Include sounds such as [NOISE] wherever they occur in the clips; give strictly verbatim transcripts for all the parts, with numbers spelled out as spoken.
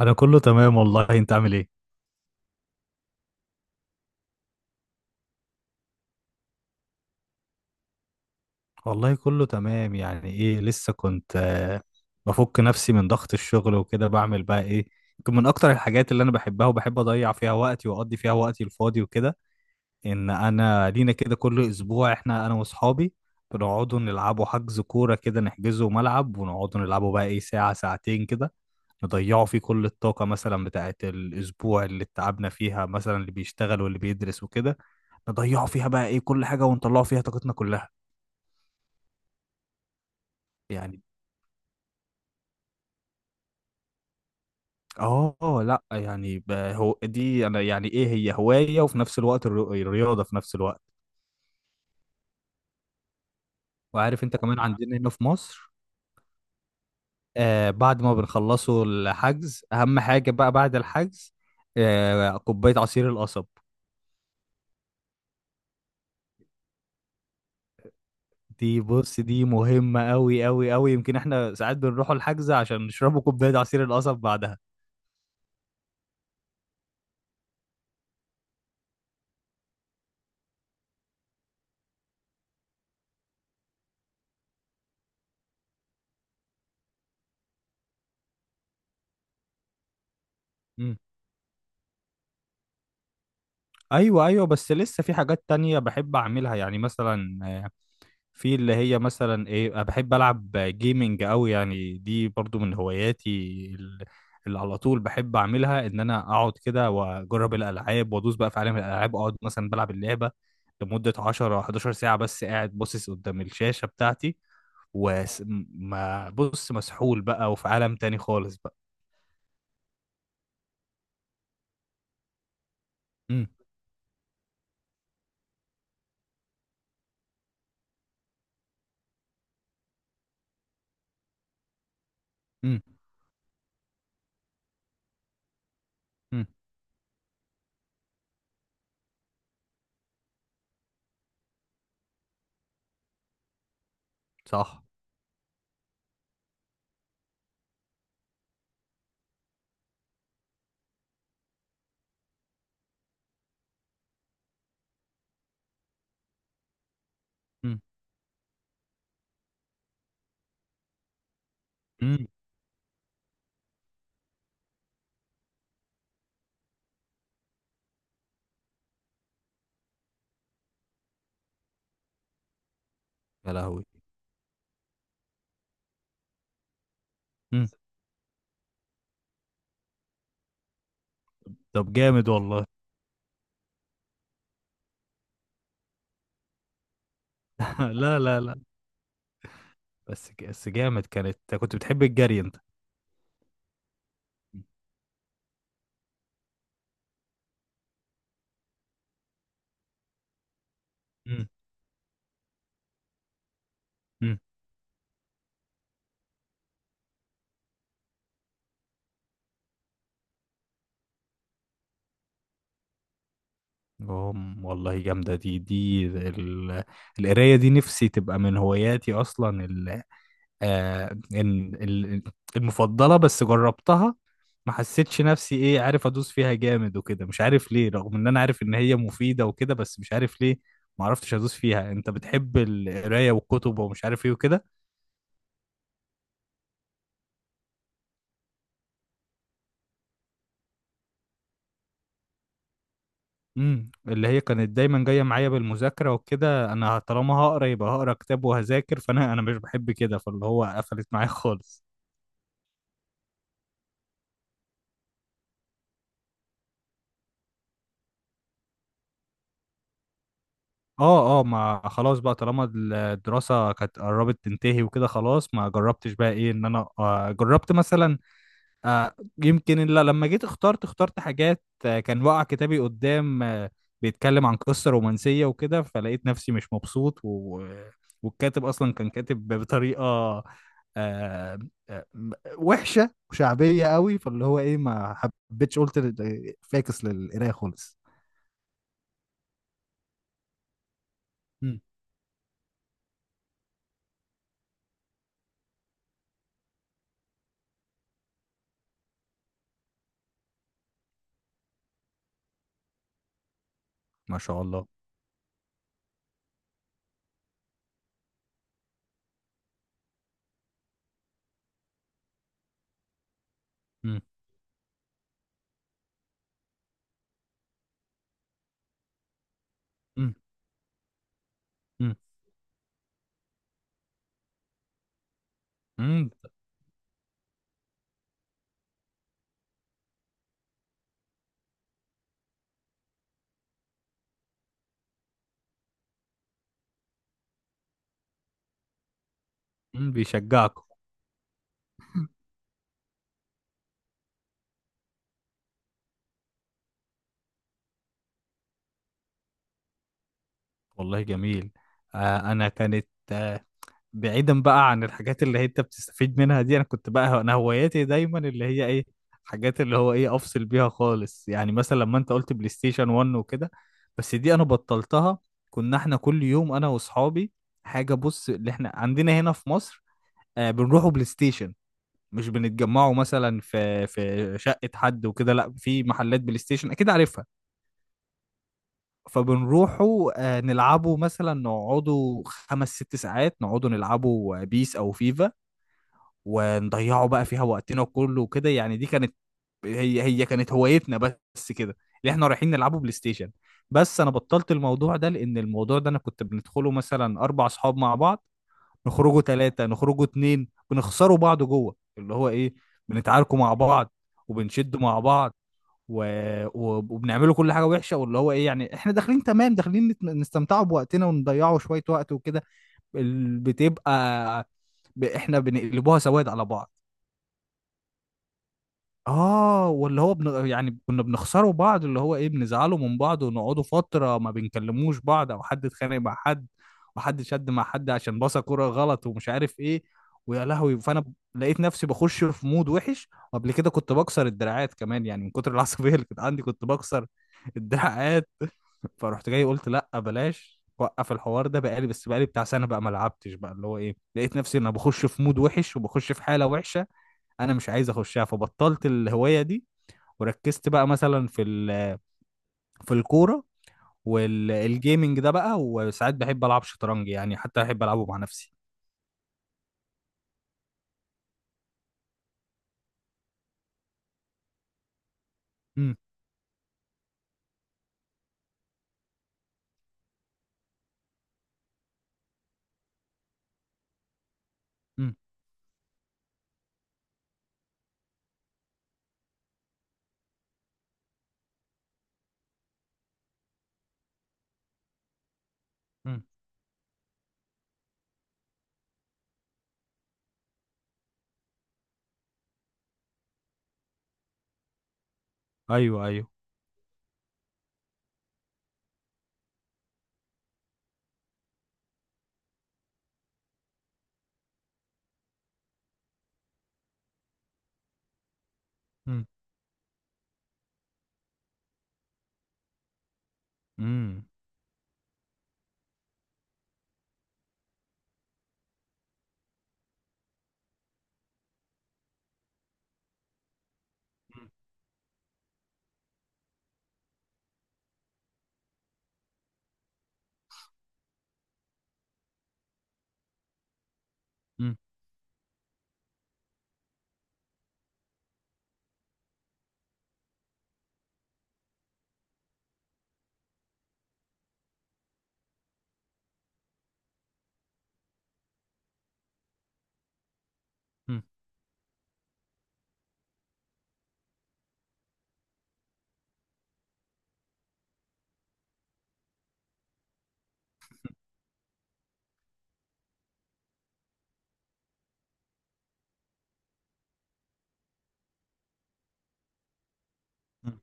انا كله تمام والله، انت عامل ايه؟ والله كله تمام، يعني ايه لسه كنت آه، بفك نفسي من ضغط الشغل وكده، بعمل بقى ايه يمكن من اكتر الحاجات اللي انا بحبها وبحب اضيع فيها وقتي واقضي فيها وقتي الفاضي وكده، ان انا لينا كده كل اسبوع احنا انا واصحابي بنقعدوا نلعبوا حجز كورة كده، نحجزوا ملعب ونقعدوا نلعبوا بقى ايه ساعة ساعتين كده، نضيعه فيه كل الطاقة مثلا بتاعة الأسبوع اللي اتعبنا فيها مثلا، اللي بيشتغل واللي بيدرس وكده، نضيعه فيها بقى إيه كل حاجة ونطلعه فيها طاقتنا كلها. يعني. آه لأ يعني ب- هو دي أنا يعني إيه هي هواية، وفي نفس الوقت الر- الرياضة في نفس الوقت. وعارف أنت كمان عندنا هنا في مصر، آه بعد ما بنخلصوا الحجز أهم حاجة بقى بعد الحجز آه كوباية عصير القصب. دي بص دي مهمة أوي أوي أوي، يمكن احنا ساعات بنروحوا الحجز عشان نشربوا كوباية عصير القصب بعدها. مم. أيوة أيوة، بس لسه في حاجات تانية بحب أعملها، يعني مثلا في اللي هي مثلا ايه، انا بحب العب جيمنج قوي، يعني دي برضو من هواياتي. ال- اللي على طول بحب اعملها ان انا اقعد كده واجرب الالعاب وادوس بقى في عالم الالعاب، اقعد مثلا بلعب اللعبه لمده عشر إحدى عشرة ساعه، بس قاعد باصص قدام الشاشه بتاعتي، وما بص مسحول بقى وفي عالم تاني خالص بقى. امم. امم. امم. صح. امم. امم. يا لهوي. امم. طب جامد والله. [LAUGHS] لا لا لا. بس بس جامد، كانت كنت بتحب الجري انت؟ مم. مم. أم، والله جامدة دي دي ال- القراية دي نفسي تبقى من هواياتي أصلا ال- آه، إن- ال- المفضلة، بس جربتها ما حسيتش نفسي إيه، عارف أدوس فيها جامد وكده، مش عارف ليه رغم إن أنا عارف إن هي مفيدة وكده، بس مش عارف ليه ما عرفتش أدوس فيها. أنت بتحب القراية والكتب ومش عارف إيه وكده. امم، اللي هي كانت دايما جاية معايا بالمذاكرة وكده، أنا طالما هقرا يبقى هقرا كتاب وهذاكر، فأنا أنا مش بحب كده، فاللي هو قفلت معايا خالص. اه اه، ما خلاص بقى طالما الدراسة كانت قربت تنتهي وكده، خلاص ما جربتش بقى ايه ان انا آه جربت مثلا آه يمكن إلا لما جيت اخترت اخترت حاجات، آه كان واقع كتابي قدام، آه بيتكلم عن قصة رومانسية وكده، فلقيت نفسي مش مبسوط و... والكاتب اصلا كان كاتب بطريقة آه آه م- وحشة وشعبية قوي، فاللي هو ايه ما حبيتش قلت ل- فاكس للقراية خالص. مم. ما شاء الله. مم. مم. مم. مم. مم، بيشجعكم. والله جميل. آه انا كانت آه بعيدا بقى عن الحاجات اللي هي انت بتستفيد منها دي، انا كنت بقى انا هواياتي دايما اللي هي ايه حاجات اللي هو ايه افصل بيها خالص، يعني مثلا لما انت قلت بلاي ستيشن ون وكده، بس دي انا بطلتها. كنا احنا كل يوم انا واصحابي حاجه بص، اللي احنا عندنا هنا في مصر آه بنروحوا بلاي ستيشن، مش بنتجمعوا مثلا في في شقة حد وكده، لا في محلات بلاي ستيشن اكيد عارفها. فبنروحوا آه، نلعبوا مثلا نقعدوا خمس ست ساعات نقعدوا نلعبوا بيس او فيفا، ونضيعوا بقى فيها وقتنا كله وكده، يعني دي كانت هي هي كانت هوايتنا بس كده، اللي احنا رايحين نلعبوا بلاي ستيشن. بس انا بطلت الموضوع ده، لان الموضوع ده انا كنت بندخله مثلا اربع اصحاب مع بعض، نخرجوا ثلاثة نخرجوا اتنين، بنخسروا بعض جوه اللي هو ايه بنتعاركوا مع بعض وبنشدوا مع بعض و... و... وبنعمله كل حاجه وحشه، واللي هو ايه يعني احنا داخلين تمام، داخلين نت- نستمتعوا بوقتنا ونضيعوا شويه وقت وكده، ال- بتبقى ب... احنا بنقلبوها سواد على بعض. اه، واللي هو بن... يعني كنا بنخسره بعض اللي هو ايه بنزعله من بعض ونقعدوا فترة ما بنكلموش بعض، او حد اتخانق مع حد وحد شد مع حد عشان باصة كرة غلط ومش عارف ايه، ويا لهوي. فانا ب- لقيت نفسي بخش في مود وحش، وقبل كده كنت بكسر الدراعات كمان، يعني من كتر العصبية اللي كانت عندي كنت بكسر الدراعات [LAUGHS] فرحت جاي قلت لا بلاش، وقف الحوار ده بقالي بس بقالي بتاع سنة بقى، ما لعبتش بقى اللي هو ايه، لقيت نفسي انا بخش في مود وحش وبخش في حالة وحشة، انا مش عايز اخشها، فبطلت الهوايه دي. وركزت بقى مثلا في ال- في الكوره والجيمنج ده بقى، وساعات بحب العب شطرنج، يعني حتى بحب العبه مع نفسي. امم. امم. امم. ايوه ايوه. امم. امم. امم. امم. أمم.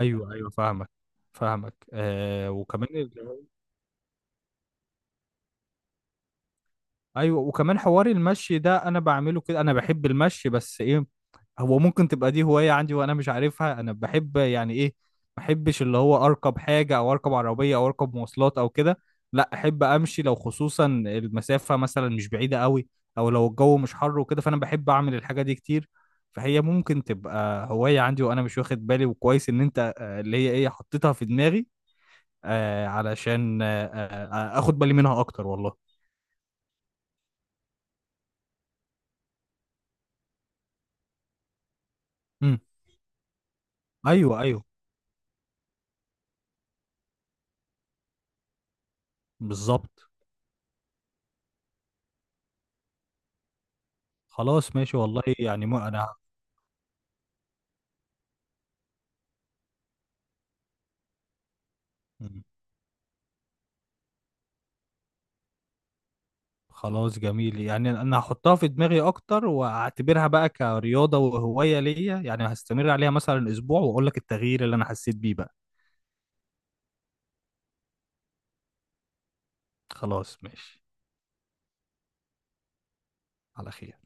ايوه ايوه فاهمك، فاهمك آه وكمان ال- ايوه وكمان حوار المشي ده انا بعمله كده، انا بحب المشي، بس ايه هو ممكن تبقى دي هواية عندي وانا مش عارفها، انا بحب يعني ايه ما احبش اللي هو اركب حاجة او اركب عربية او اركب مواصلات او كده، لا احب امشي لو خصوصا المسافة مثلا مش بعيدة قوي، او لو الجو مش حر وكده، فانا بحب اعمل الحاجة دي كتير، فهي ممكن تبقى هواية عندي وانا مش واخد بالي، وكويس ان انت آه، اللي هي ايه حطيتها في دماغي آه، علشان آه، آه، آه، اخد بالي منها اكتر والله. امم. ايوه ايوه بالظبط. خلاص ماشي والله، يعني مو انا. مم. خلاص جميل، يعني انا هحطها في دماغي اكتر واعتبرها بقى كرياضة وهواية ليا، يعني هستمر عليها مثلا اسبوع واقول لك التغيير اللي انا حسيت بيه بقى. خلاص ماشي، على خير.